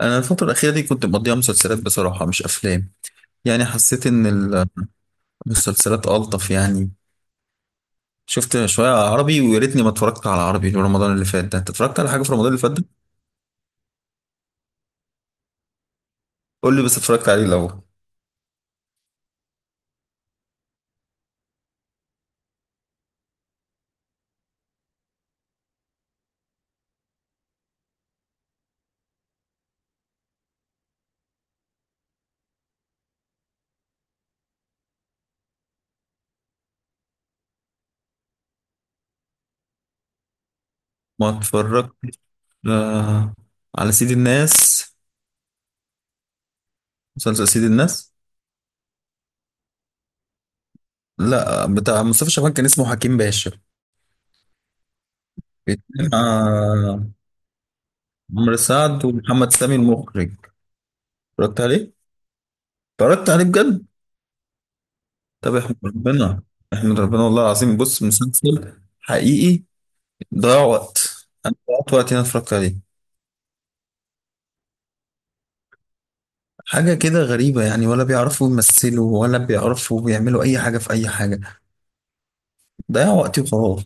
انا الفتره الاخيره دي كنت مقضيها مسلسلات، بصراحه مش افلام. يعني حسيت ان المسلسلات الطف يعني. شفت شويه عربي، ويا ريتني ما اتفرجت على عربي في رمضان اللي فات ده. انت اتفرجت على حاجه في رمضان اللي فات ده؟ قول لي بس اتفرجت عليه الاول. ما اتفرجت آه، على سيد الناس، مسلسل سيد الناس. لا، بتاع مصطفى شعبان كان اسمه حكيم باشا. بيتكلم عن عمرو سعد ومحمد سامي المخرج. اتفرجت عليه؟ اتفرجت عليه بجد؟ طب احمد ربنا، احمد ربنا والله العظيم. بص، مسلسل حقيقي ضيع وقت انا ضيعت وقتي، انا اتفرجت عليه. حاجة كده غريبة يعني، ولا بيعرفوا يمثلوا ولا بيعرفوا بيعملوا أي حاجة في أي حاجة. ضيع وقتي وخلاص.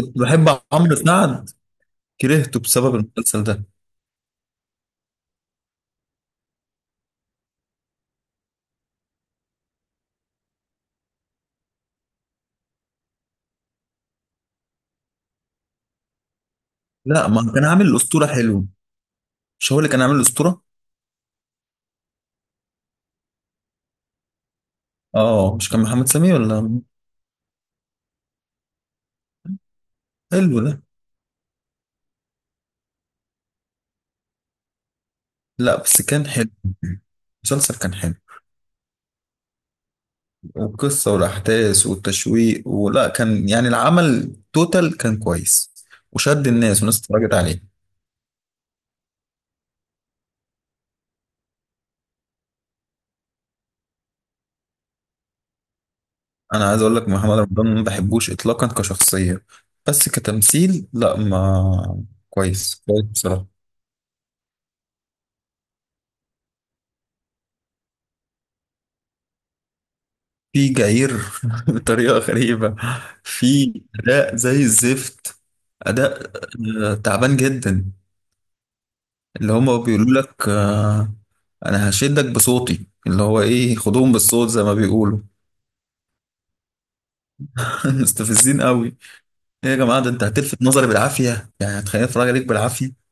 كنت بحب عمرو سعد، كرهته بسبب المسلسل ده. لا، ما كان عامل الأسطورة حلو؟ مش هو اللي كان عامل الأسطورة؟ اه، مش كان محمد سامي ولا؟ حلو ده. لا بس كان حلو، المسلسل كان حلو، والقصة والأحداث والتشويق، ولا كان يعني العمل توتال كان كويس وشد الناس والناس اتفرجت عليه. أنا عايز أقول لك، محمد رمضان ما بحبوش إطلاقا كشخصية، بس كتمثيل لا ما، كويس كويس بصراحة. في جعير بطريقة غريبة، في أداء زي الزفت. أداء تعبان جدا. اللي هما بيقولوا لك أنا هشدك بصوتي، اللي هو إيه، خدوهم بالصوت زي ما بيقولوا. مستفزين قوي. ايه يا جماعة، ده انت هتلفت نظري بالعافية يعني، هتخليني اتفرج عليك بالعافية.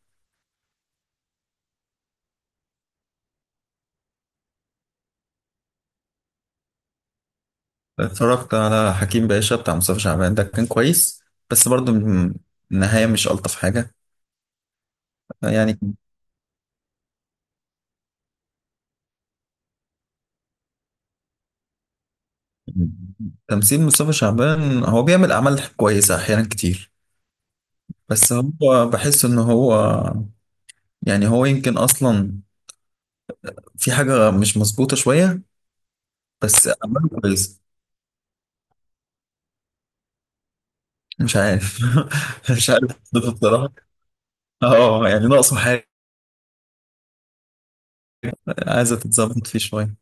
اتفرجت على حكيم باشا بتاع مصطفى شعبان، ده كان كويس. بس برضه النهاية مش ألطف حاجة يعني. تمثيل مصطفى شعبان، هو بيعمل أعمال كويسة أحيانا كتير. بس هو بحس إن هو يعني، هو يمكن أصلا في حاجة مش مظبوطة شوية. بس أعماله كويسة. مش عارف. مش عارف بصراحة. اه، يعني ناقصه حاجة، عايزة تتظبط فيه شوية.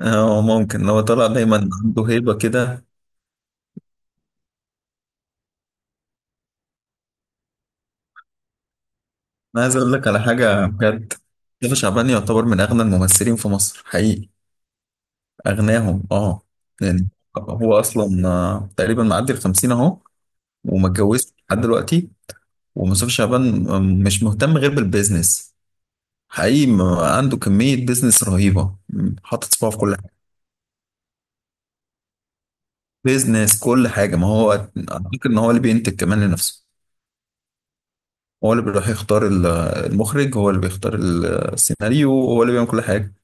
اه، ممكن هو طلع دايما عنده هيبة كده. انا عايز اقول لك على حاجة بجد، مصطفى شعبان يعتبر من اغنى الممثلين في مصر حقيقي، اغناهم اه. يعني هو اصلا تقريبا معدي ال 50 اهو، وما اتجوزش لحد دلوقتي. ومصطفى شعبان مش مهتم غير بالبيزنس حقيقي. عنده كمية بيزنس رهيبة، حاطط صباعه في كل حاجة. بيزنس كل حاجة. ما هو اعتقد ان هو اللي بينتج كمان لنفسه. هو اللي بيروح يختار المخرج، هو اللي بيختار السيناريو، هو اللي بيعمل كل حاجة.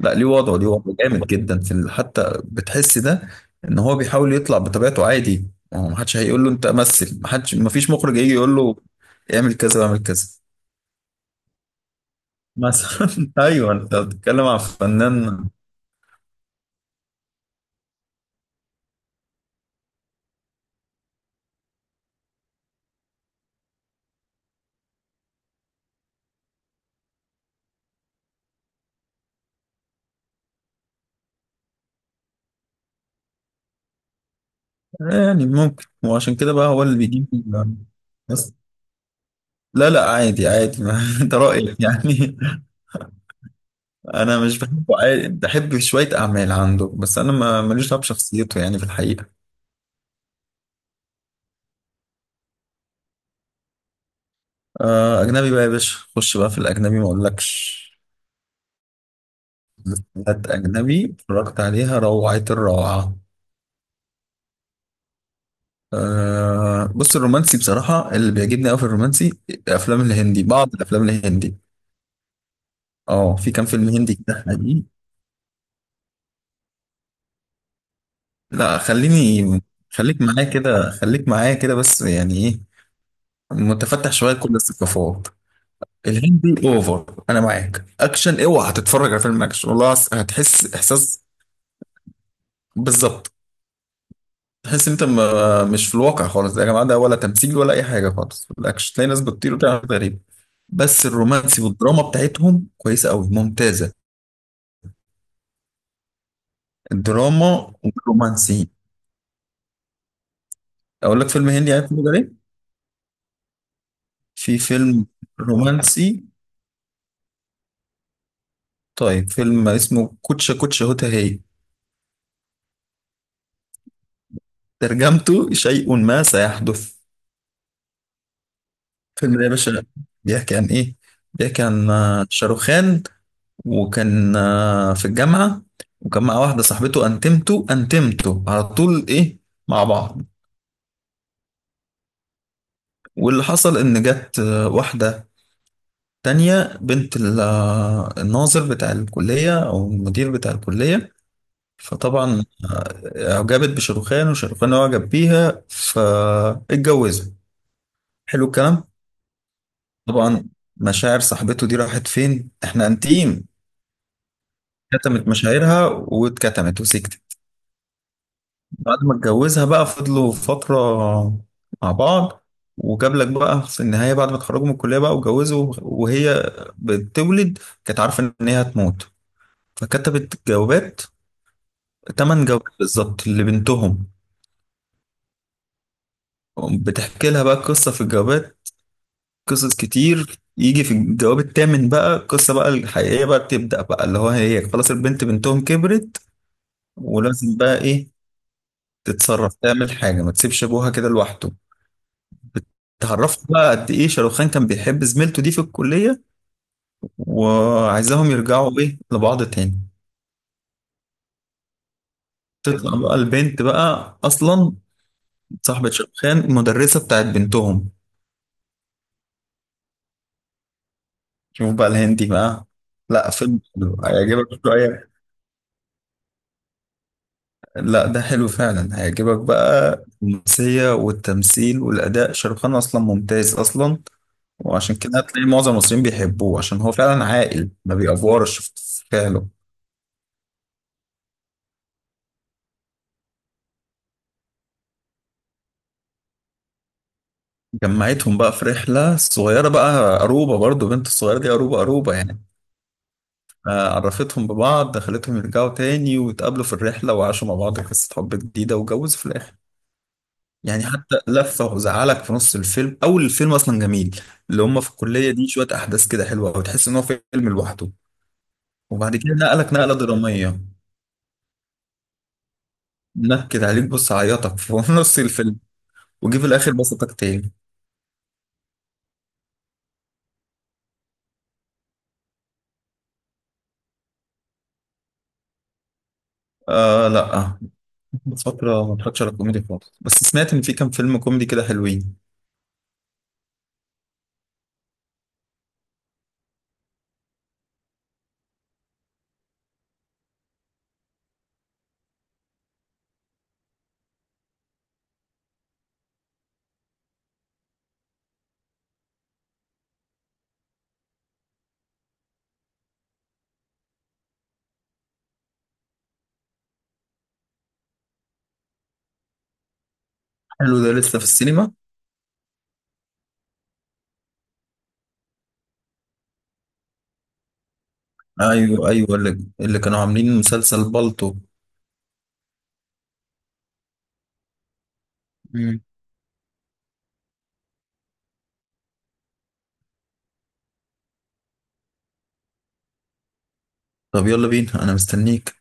لا، ليه وضعه، جامد جدا حتى بتحس ده، ان هو بيحاول يطلع بطبيعته عادي. هو محدش هيقول له انت مثل، محدش مفيش مخرج هيجي يقول له اعمل كذا واعمل كذا مثلا. ايوه انت بتتكلم عن فنان يعني، ممكن، وعشان كده بقى هو اللي بيجيب. بس لا لا، عادي عادي، ما انت رأيك يعني. انا مش بحبه عادي، بحب شويه اعمال عنده، بس انا ما ماليش دعوه بشخصيته يعني في الحقيقه. آه، اجنبي بقى يا باشا، خش بقى في الاجنبي ما اقولكش. حاجات اجنبي اتفرجت عليها روعه الروعه. آه بص، الرومانسي بصراحه اللي بيعجبني قوي في الرومانسي الافلام الهندي بعض الافلام الهندي. اه، في كام فيلم هندي كده حقيقي. لا، خليك معايا كده، خليك معايا كده، بس يعني ايه، متفتح شويه كل الثقافات. الهندي اوفر. انا معاك، اكشن اوعى هتتفرج على فيلم اكشن، والله هتحس احساس. بالظبط. تحس انت مش في الواقع خالص، يا جماعه ده ولا تمثيل ولا اي حاجه خالص. في الاكشن تلاقي ناس بتطير وبتعمل حاجات غريبه. بس الرومانسي والدراما بتاعتهم كويسه قوي، ممتازه الدراما والرومانسي. اقول لك فيلم هندي، عارف اسمه ده ليه؟ في فيلم رومانسي، طيب فيلم اسمه كوتشا كوتشا هوتا هي، ترجمته شيء ما سيحدث. فيلم يا باشا، بيحكي عن ايه؟ بيحكي عن شاروخان، وكان في الجامعة، وكان مع واحدة صاحبته، انتمتو على طول ايه مع بعض. واللي حصل ان جت واحدة تانية، بنت الناظر بتاع الكلية او المدير بتاع الكلية. فطبعا اعجبت بشاروخان وشاروخان اعجب بيها فاتجوزوا. حلو الكلام. طبعا مشاعر صاحبته دي راحت فين، احنا انتيم. كتمت مشاعرها واتكتمت وسكتت. بعد ما اتجوزها بقى فضلوا فترة مع بعض، وجاب لك بقى في النهاية بعد ما اتخرجوا من الكلية بقى واتجوزوا، وهي بتولد كانت عارفة إن هي هتموت، فكتبت جوابات، 8 جوابات بالظبط لبنتهم، بتحكي لها بقى قصة في الجوابات، قصص كتير. يجي في الجواب التامن بقى القصة بقى الحقيقية بقى بتبدأ بقى، اللي هو هي خلاص البنت بنتهم كبرت ولازم بقى إيه تتصرف، تعمل حاجة، ما تسيبش أبوها كده لوحده. اتعرفت بقى قد ايه شاروخان كان بيحب زميلته دي في الكلية، وعايزاهم يرجعوا ايه لبعض تاني. تطلع بقى البنت بقى اصلا صاحبة شاروخان، المدرسة بتاعت بنتهم. شوف بقى الهندي بقى. لا فيلم حلو، هيعجبك شوية. لا ده حلو فعلا، هيعجبك بقى الرومانسية والتمثيل والأداء، شاروخان أصلا ممتاز أصلا. وعشان كده هتلاقي معظم المصريين بيحبوه، عشان هو فعلا عاقل، ما بيأفورش في فعله. جمعتهم بقى في رحلة صغيرة بقى، أروبة برضو بنت الصغيرة دي، أروبة أروبة يعني. عرفتهم ببعض، دخلتهم يرجعوا تاني، واتقابلوا في الرحلة وعاشوا مع بعض قصة حب جديدة واتجوزوا في الآخر. يعني حتى لفة، وزعلك في نص الفيلم. أول الفيلم أصلا جميل، اللي هم في الكلية دي شوية أحداث كده حلوة، وتحس إن هو فيلم لوحده. وبعد كده نقلك نقلة درامية، نكد عليك، بص عيطك في نص الفيلم، وجي في الآخر بسطك تاني. آه لا، من فترة ما اتفرجتش على كوميدي خالص، بس سمعت إن في كام فيلم كوميدي كده حلوين. حلو ده لسه في السينما؟ ايوه ايوه، اللي كانوا عاملين مسلسل بالطو. مم. طب يلا بينا انا مستنيك.